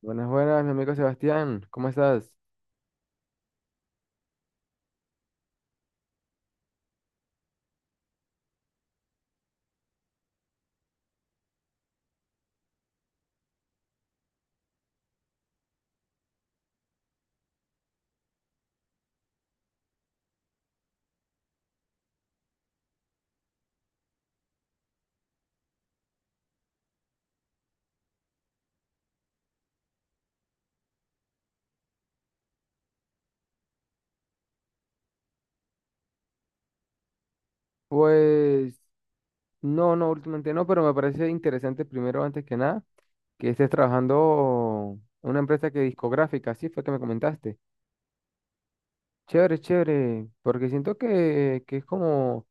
Buenas, buenas, mi amigo Sebastián, ¿cómo estás? Pues no, no, últimamente no, pero me parece interesante primero, antes que nada, que estés trabajando en una empresa que discográfica, sí fue que me comentaste. Chévere, chévere, porque siento que es como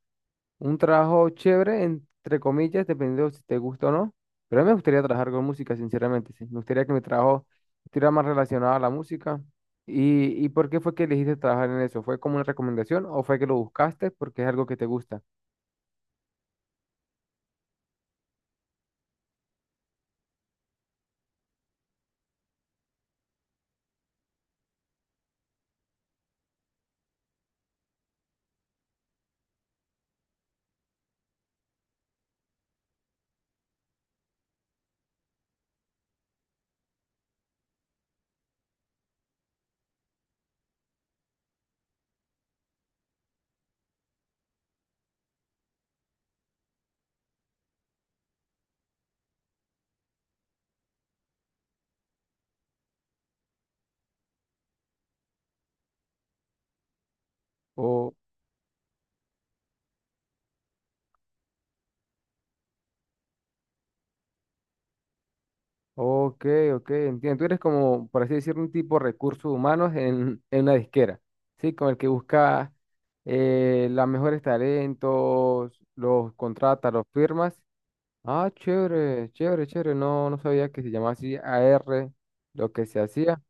un trabajo chévere, entre comillas, dependiendo si te gusta o no, pero a mí me gustaría trabajar con música, sinceramente, sí. Me gustaría que mi trabajo estuviera más relacionado a la música. Y por qué fue que elegiste trabajar en eso? ¿Fue como una recomendación o fue que lo buscaste porque es algo que te gusta? Oh, ok, ok, entiendo. Tú eres como, por así decirlo, un tipo de recursos humanos en una disquera, ¿sí? Con el que busca los mejores talentos, los contrata los firmas. Ah, chévere, chévere, chévere. No, no sabía que se llamaba así A R lo que se hacía.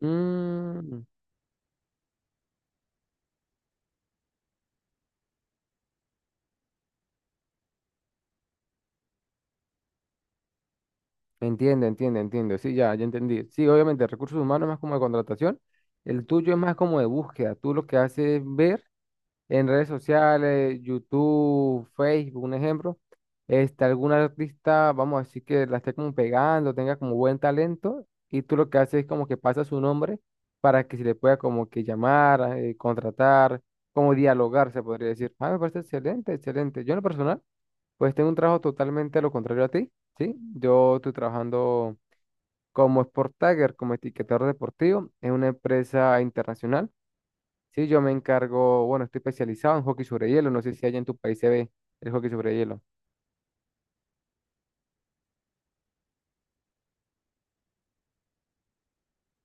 Mm, entiendo, entiendo, entiendo. Sí, ya, ya entendí. Sí, obviamente, recursos humanos es más como de contratación. El tuyo es más como de búsqueda. Tú lo que haces es ver en redes sociales, YouTube, Facebook, un ejemplo, este, algún artista, vamos a decir que la esté como pegando, tenga como buen talento, y tú lo que haces es como que pasa su nombre para que se le pueda como que llamar, contratar, como dialogar, se podría decir. Ah, me parece excelente, excelente. Yo en lo personal, pues tengo un trabajo totalmente a lo contrario a ti, ¿sí? Yo estoy trabajando como Sport Tagger, como etiquetador deportivo, en una empresa internacional. Sí, yo me encargo, bueno, estoy especializado en hockey sobre hielo, no sé si allá en tu país se ve el hockey sobre hielo.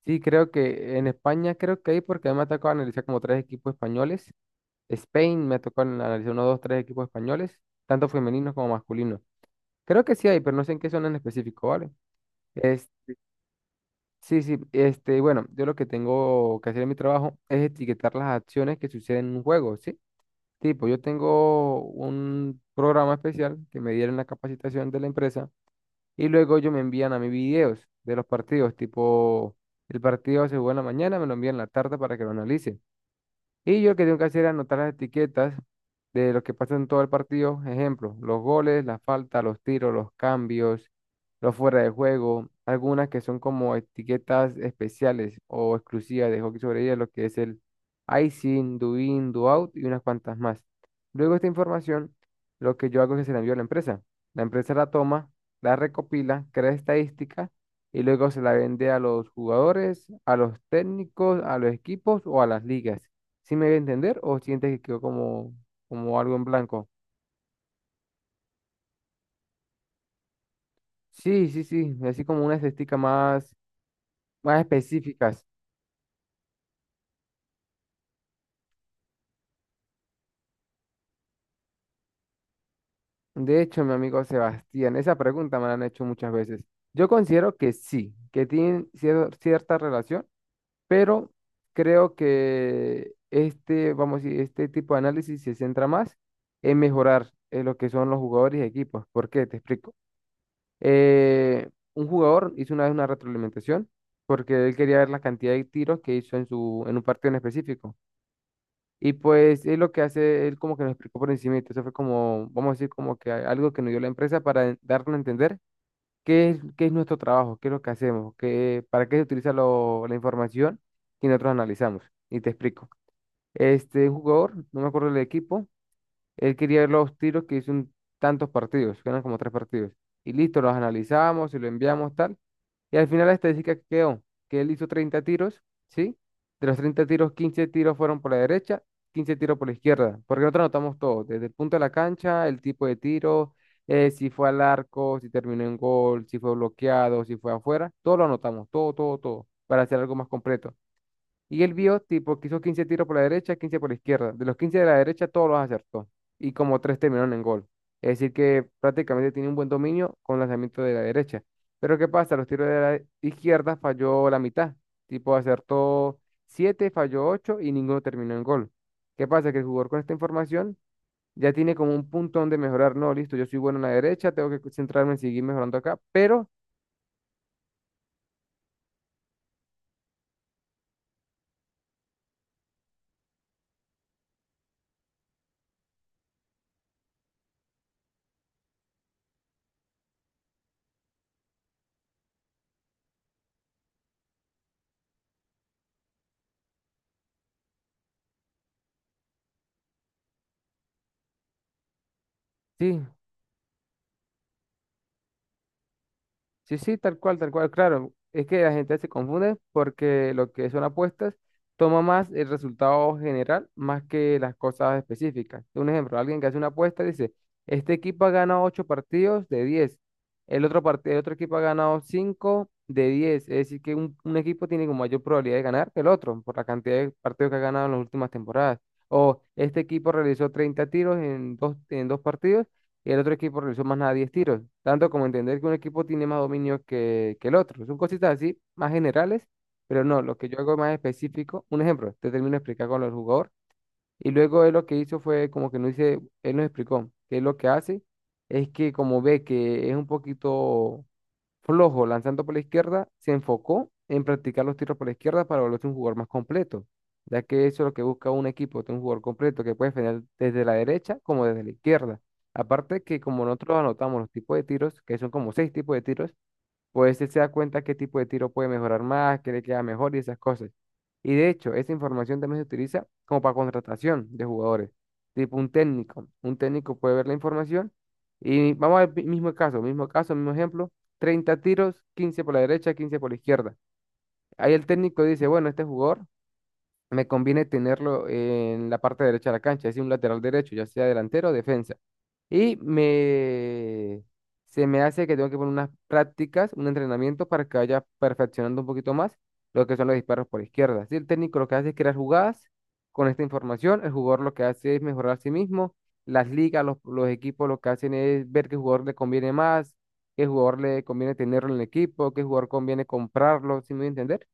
Sí, creo que en España creo que hay, porque a mí me ha tocado analizar como tres equipos españoles. Spain me ha tocado analizar uno, dos, tres equipos españoles, tanto femeninos como masculinos. Creo que sí hay, pero no sé en qué son en específico, ¿vale? Es, sí, sí, este, bueno, yo lo que tengo que hacer en mi trabajo es etiquetar las acciones que suceden en un juego, ¿sí? Tipo, yo tengo un programa especial que me dieron en la capacitación de la empresa y luego ellos me envían a mí videos de los partidos, tipo, el partido se juega en la mañana, me lo envían en la tarde para que lo analice. Y yo lo que tengo que hacer es anotar las etiquetas de lo que pasa en todo el partido. Ejemplo, los goles, la falta los tiros, los cambios, los fuera de juego. Algunas que son como etiquetas especiales o exclusivas de hockey sobre hielo, lo que es el icing, do in, do out y unas cuantas más. Luego esta información, lo que yo hago es que se la envío a la empresa. La empresa la toma, la recopila, crea estadística y luego se la vende a los jugadores, a los técnicos, a los equipos o a las ligas. ¿Sí me voy a entender o sientes que quedó como algo en blanco? Sí, sí, sí, así como una esticas más, más específicas. De hecho, mi amigo Sebastián, esa pregunta me la han hecho muchas veces. Yo considero que sí, que tienen cierta relación, pero creo que este, vamos a decir, este tipo de análisis se centra más en mejorar lo que son los jugadores y equipos. ¿Por qué? Te explico. Eh, un jugador hizo una vez una retroalimentación porque él quería ver la cantidad de tiros que hizo en su, en un partido en específico. Y pues es lo que hace, él como que nos explicó por encima, eso fue como, vamos a decir, como que algo que nos dio la empresa para darnos a entender qué es nuestro trabajo, qué es lo que hacemos, qué, para qué se utiliza la información que nosotros analizamos. Y te explico. Este jugador, no me acuerdo del equipo, él quería ver los tiros que hizo en tantos partidos, que eran como tres partidos. Y listo, los analizamos y lo enviamos tal. Y al final la estadística que quedó, que él hizo 30 tiros, ¿sí? De los 30 tiros, 15 tiros fueron por la derecha, 15 tiros por la izquierda, porque nosotros anotamos todo, desde el punto de la cancha, el tipo de tiro, si fue al arco, si terminó en gol, si fue bloqueado, si fue afuera, todo lo anotamos, todo, todo, todo, para hacer algo más completo. Y él vio, tipo, que hizo 15 tiros por la derecha, 15 por la izquierda. De los 15 de la derecha, todos los acertó. Y como tres terminaron en gol. Es decir, que prácticamente tiene un buen dominio con lanzamiento de la derecha. Pero ¿qué pasa? Los tiros de la izquierda falló la mitad. Tipo, acertó 7 falló 8 y ninguno terminó en gol. ¿Qué pasa? Que el jugador con esta información ya tiene como un punto donde mejorar. No, listo, yo soy bueno en la derecha, tengo que centrarme en seguir mejorando acá. Pero sí. Sí, sí, tal cual, claro. Es que la gente se confunde porque lo que son apuestas toma más el resultado general más que las cosas específicas. Un ejemplo, alguien que hace una apuesta dice, este equipo ha ganado 8 partidos de 10. El otro, el otro equipo ha ganado 5 de 10, es decir, que un equipo tiene como mayor probabilidad de ganar que el otro por la cantidad de partidos que ha ganado en las últimas temporadas. O este equipo realizó 30 tiros en dos partidos y el otro equipo realizó más nada 10 tiros, tanto como entender que un equipo tiene más dominio que el otro. Son cositas así, más generales, pero no, lo que yo hago es más específico, un ejemplo, te termino de explicar con el jugador, y luego él lo que hizo fue como que no hice, él nos explicó que él lo que hace es que como ve que es un poquito flojo lanzando por la izquierda, se enfocó en practicar los tiros por la izquierda para volverse un jugador más completo, ya que eso es lo que busca un equipo, tener un jugador completo que puede defender desde la derecha como desde la izquierda. Aparte que como nosotros anotamos los tipos de tiros, que son como seis tipos de tiros, pues él se da cuenta qué tipo de tiro puede mejorar más, qué le queda mejor y esas cosas. Y de hecho, esa información también se utiliza como para contratación de jugadores, tipo un técnico. Un técnico puede ver la información y vamos al mismo caso, mismo caso, mismo ejemplo, 30 tiros, 15 por la derecha, 15 por la izquierda. Ahí el técnico dice, bueno, este jugador me conviene tenerlo en la parte derecha de la cancha, es decir, un lateral derecho, ya sea delantero o defensa. Y me, Se me hace que tengo que poner unas prácticas, un entrenamiento para que vaya perfeccionando un poquito más lo que son los disparos por izquierda. Si el técnico lo que hace es crear jugadas con esta información, el jugador lo que hace es mejorar a sí mismo, las ligas, los equipos lo que hacen es ver qué jugador le conviene más, qué jugador le conviene tenerlo en el equipo, qué jugador conviene comprarlo, ¿si me voy a entender?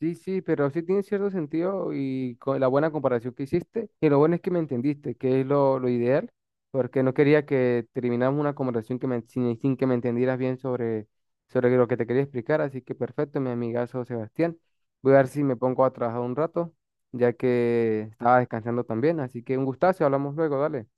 Sí, sí, pero sí tiene cierto sentido y con la buena comparación que hiciste. Y lo bueno es que me entendiste, que es lo ideal, porque no quería que termináramos una conversación que sin que me entendieras bien sobre lo que te quería explicar. Así que perfecto, mi amigazo Sebastián. Voy a ver si me pongo a trabajar un rato, ya que estaba descansando también. Así que un gustazo, hablamos luego, dale.